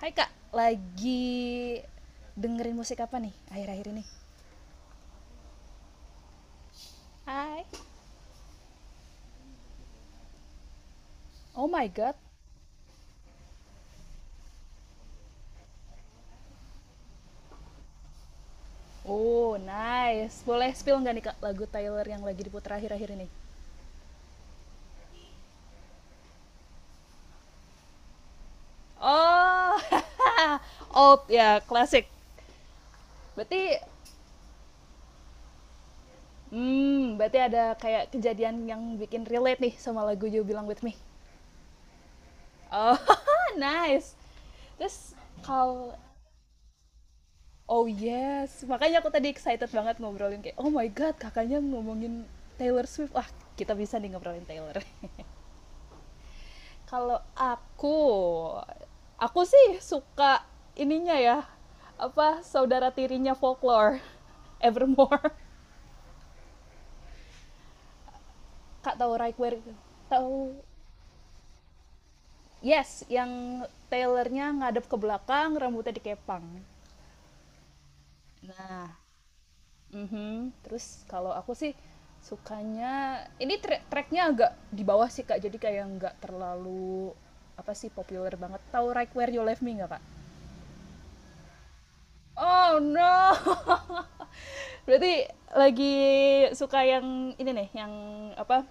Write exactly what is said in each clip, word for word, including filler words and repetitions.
Hai Kak, lagi dengerin musik apa nih akhir-akhir ini? Hai. Oh my god. Oh, nice. Boleh spill nggak nih Kak lagu Tyler yang lagi diputar akhir-akhir ini? Oh. Oh, ya, klasik. Berarti hmm, berarti ada kayak kejadian yang bikin relate nih sama lagu You Belong With Me. Oh, nice. Terus kalau. Oh yes, makanya aku tadi excited banget ngobrolin kayak, "Oh my god, Kakaknya ngomongin Taylor Swift. Wah, kita bisa nih ngobrolin Taylor." Kalau aku, aku sih suka ininya ya, apa, saudara tirinya Folklore, Evermore. Kak tahu Right Where, tahu. Yes, yang Taylornya ngadep ke belakang, rambutnya dikepang. Nah, mhm, terus kalau aku sih sukanya ini trek treknya agak di bawah sih Kak, jadi kayak nggak terlalu apa sih populer banget. Tahu Right Where You Left Me nggak Kak? Oh no, berarti lagi suka yang ini nih, yang apa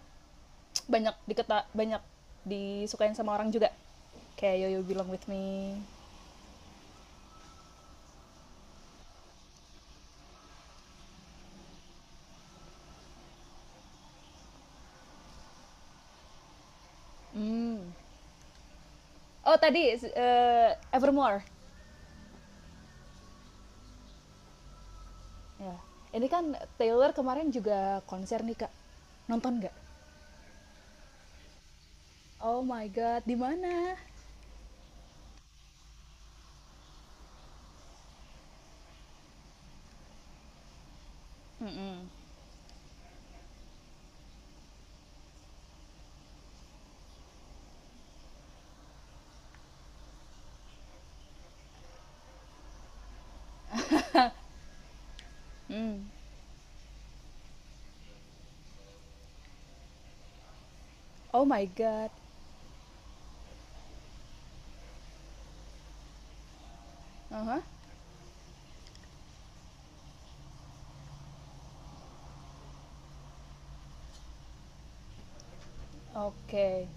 banyak diketa banyak disukain sama orang juga. Kayak Yo You Belong With Me. Hmm. Oh tadi, eh, Evermore. Ya. Ini kan Taylor kemarin juga konser nih Kak. Nonton nggak? Oh my god, di mana? Mm-mm. Mm. Oh my god. Aha. Oke.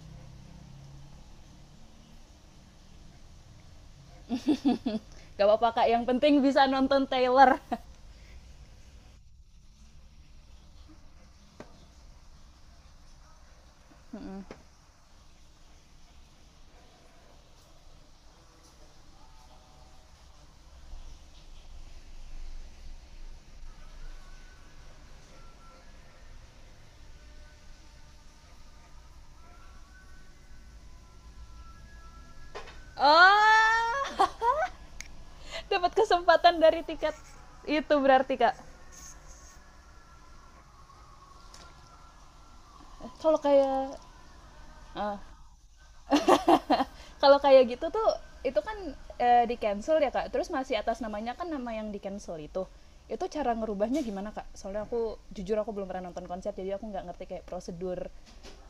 Gak apa-apa Kak, yang penting bisa nonton Taylor. Mm-mm. Oh, dapat kesempatan dari tiket itu berarti Kak. Kalau kayak ah, kalau kayak gitu tuh itu kan, eh, di cancel ya kak. Terus masih atas namanya kan nama yang di cancel itu. Itu cara ngerubahnya gimana kak? Soalnya aku jujur aku belum pernah nonton konser jadi aku nggak ngerti kayak prosedur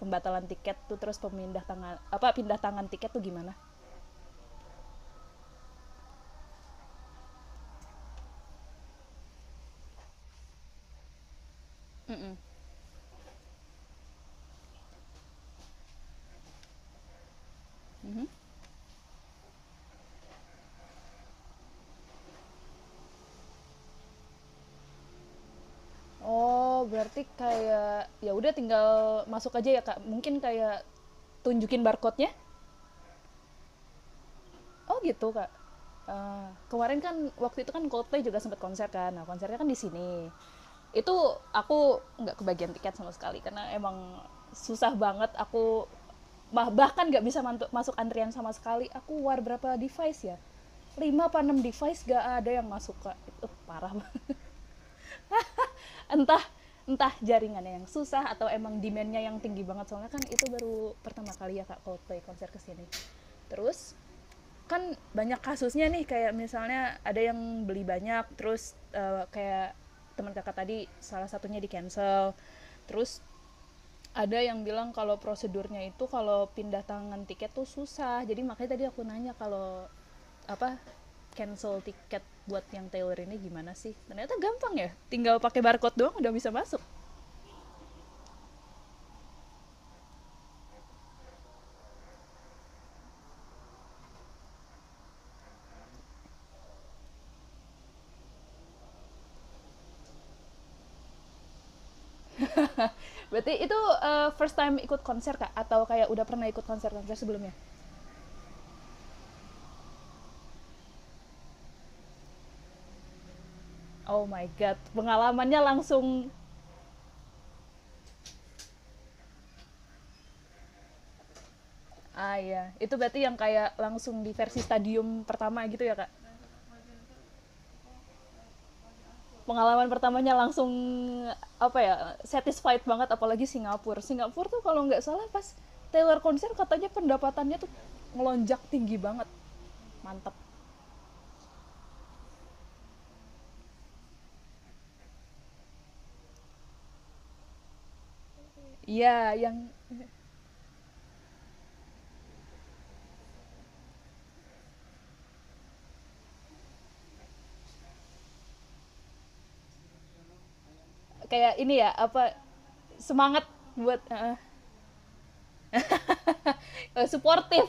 pembatalan tiket tuh, terus pemindah tangan apa pindah tangan tiket tuh gimana? Mm-mm. Mhm. Oh berarti kayak ya udah tinggal masuk aja ya kak. Mungkin kayak tunjukin barcode-nya. Oh gitu, Kak. Eee, kemarin kan waktu itu kan Coldplay juga sempat konser kan, nah konsernya kan di sini. Itu aku nggak kebagian tiket sama sekali karena emang susah banget, aku bah bahkan nggak bisa mantu masuk antrian sama sekali. Aku war berapa device ya? Lima, apa enam device nggak ada yang masuk, Kak. Itu uh, parah banget. Entah entah jaringannya yang susah atau emang demand-nya yang tinggi banget, soalnya kan itu baru pertama kali ya Kak Coldplay konser ke sini. Terus kan banyak kasusnya nih kayak misalnya ada yang beli banyak terus, eh, kayak teman kakak tadi salah satunya di cancel, terus ada yang bilang kalau prosedurnya itu kalau pindah tangan tiket tuh susah, jadi makanya tadi aku nanya kalau apa cancel tiket buat yang Taylor ini gimana sih, ternyata gampang ya tinggal pakai barcode doang udah bisa masuk. Berarti itu eh, first time ikut konser kak atau kayak udah pernah ikut konser konser sebelumnya? Oh my god, pengalamannya langsung. Ah iya, itu berarti yang kayak langsung di versi stadium pertama gitu ya kak? Pengalaman pertamanya langsung apa ya, satisfied banget, apalagi Singapura. Singapura tuh kalau nggak salah pas Taylor konser katanya pendapatannya tuh melonjak tinggi banget, mantap. Iya, yang kayak ini ya apa, semangat buat eh, eh, suportif.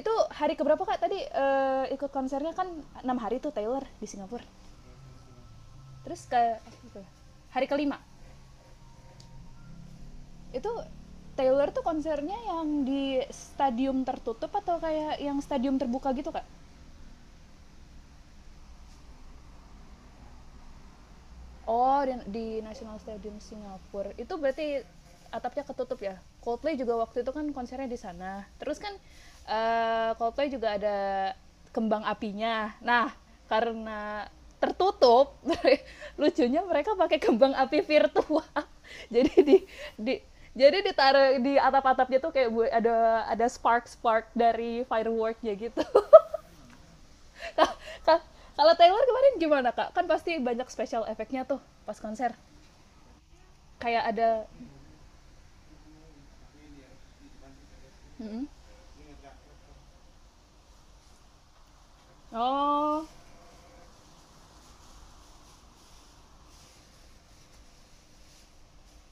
Itu hari keberapa kak tadi eh, ikut konsernya, kan enam hari tuh Taylor di Singapura. Terus ke hari kelima itu Taylor tuh konsernya yang di stadium tertutup atau kayak yang stadium terbuka gitu kak? Oh, di, di National Stadium Singapura. Itu berarti atapnya ketutup ya? Coldplay juga waktu itu kan konsernya di sana. Terus kan, eh, Coldplay juga ada kembang apinya. Nah, karena tertutup, lucunya mereka pakai kembang api virtual. Jadi di di jadi ditaruh di atap-atapnya tuh kayak ada ada spark-spark dari fireworknya gitu. Ka- Kalau Taylor kemarin gimana kak? Kan pasti banyak special efeknya tuh pas konser kayak ada. Mm-mm. Oh.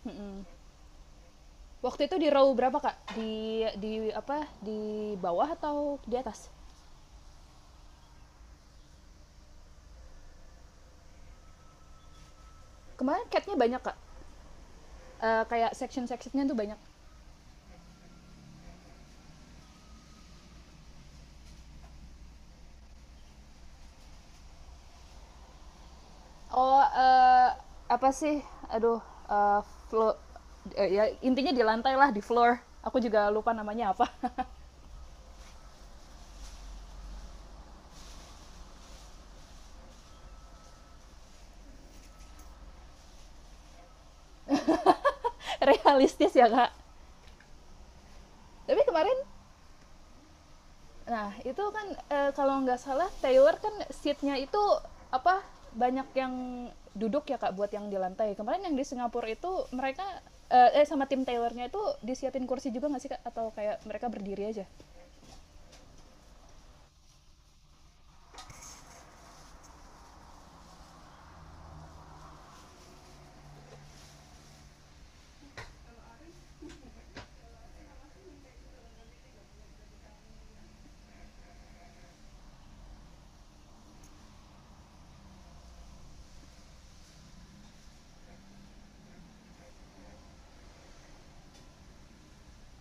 Mm-mm. Waktu itu di row berapa kak, di di apa di bawah atau di atas? Kemarin catnya banyak kak. Eh, kayak section sectionnya tuh banyak. Oh, eh, apa sih? Aduh, eh, flo- Eh, ya intinya di lantai lah di floor, aku juga lupa namanya apa. Realistis ya kak, tapi kemarin. Nah, itu kan, eh, kalau nggak salah Taylor kan seatnya itu apa banyak yang duduk ya kak buat yang di lantai. Kemarin yang di Singapura itu mereka eh eh, sama tim Taylornya itu disiapin kursi juga nggak sih kak atau kayak mereka berdiri aja?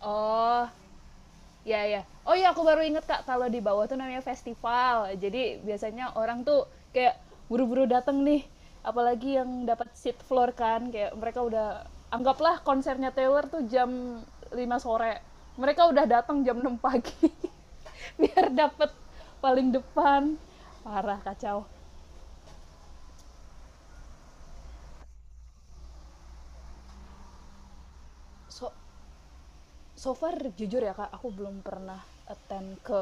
Oh, ya, ya. Oh iya aku baru inget Kak, kalau di bawah tuh namanya festival. Jadi biasanya orang tuh kayak buru-buru datang nih, apalagi yang dapat seat floor kan, kayak mereka udah anggaplah konsernya Taylor tuh jam lima sore. Mereka udah datang jam enam pagi biar dapat paling depan. Parah kacau. So, so far jujur ya kak aku belum pernah attend ke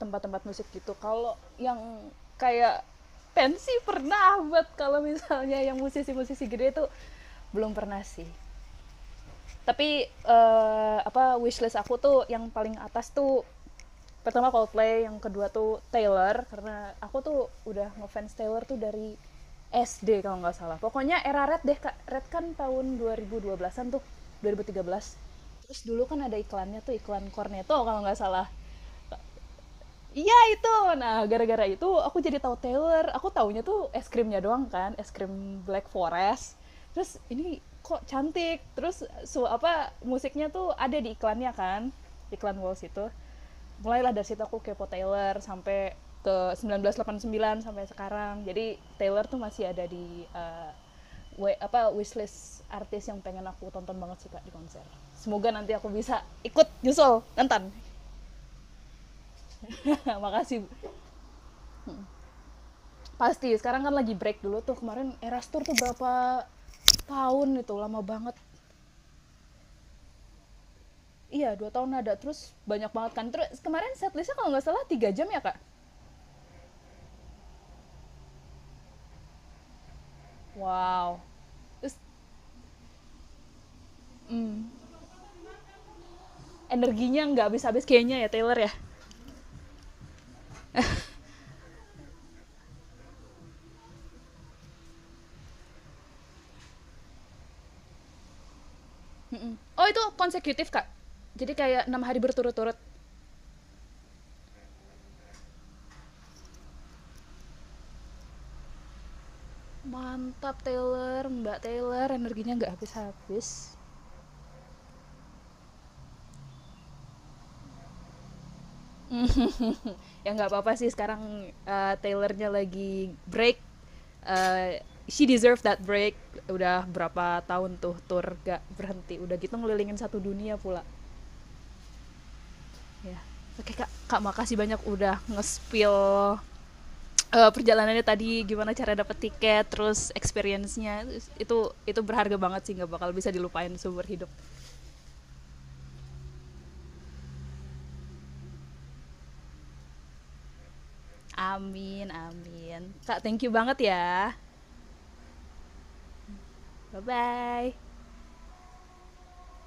tempat-tempat musik gitu, kalau yang kayak pensi pernah, buat kalau misalnya yang musisi-musisi gede itu belum pernah sih, tapi eh, apa wishlist aku tuh yang paling atas tuh pertama Coldplay yang kedua tuh Taylor, karena aku tuh udah ngefans Taylor tuh dari S D kalau nggak salah pokoknya era Red deh. Red kan tahun dua ribu dua belasan tuh dua ribu tiga belas, terus dulu kan ada iklannya tuh iklan Cornetto kalau nggak salah. Iya itu. Nah, gara-gara itu aku jadi tahu Taylor. Aku taunya tuh es krimnya doang kan, es krim Black Forest. Terus ini kok cantik. Terus su apa musiknya tuh ada di iklannya kan, iklan Walls itu. Mulailah dari situ aku kepo Taylor sampai ke sembilan belas delapan puluh sembilan sampai sekarang, jadi Taylor tuh masih ada di eh, we- apa wishlist artis yang pengen aku tonton banget sih kak di konser, semoga nanti aku bisa ikut nyusul nonton. Makasih. Pasti sekarang kan lagi break dulu tuh, kemarin Eras Tour tuh berapa tahun, itu lama banget, iya dua tahun ada, terus banyak banget kan, terus kemarin setlistnya kalau nggak salah tiga jam ya kak. Wow. Terus energinya nggak habis-habis kayaknya ya Taylor ya. Mm. Oh itu konsekutif kak. Jadi kayak enam hari berturut-turut. Mantap Taylor, Mbak Taylor, energinya nggak habis-habis. Ya nggak apa-apa sih sekarang, eh, Taylornya lagi break. Eh, she deserve that break. Udah berapa tahun tuh tour gak berhenti. Udah gitu ngelilingin satu dunia pula. Ya. Oke Kak, Kak makasih banyak udah nge-spill eee, perjalanannya tadi gimana cara dapet tiket, terus experience-nya itu itu berharga banget sih nggak bakal bisa dilupain seumur hidup. Amin amin. Kak, thank you banget ya. Bye-bye.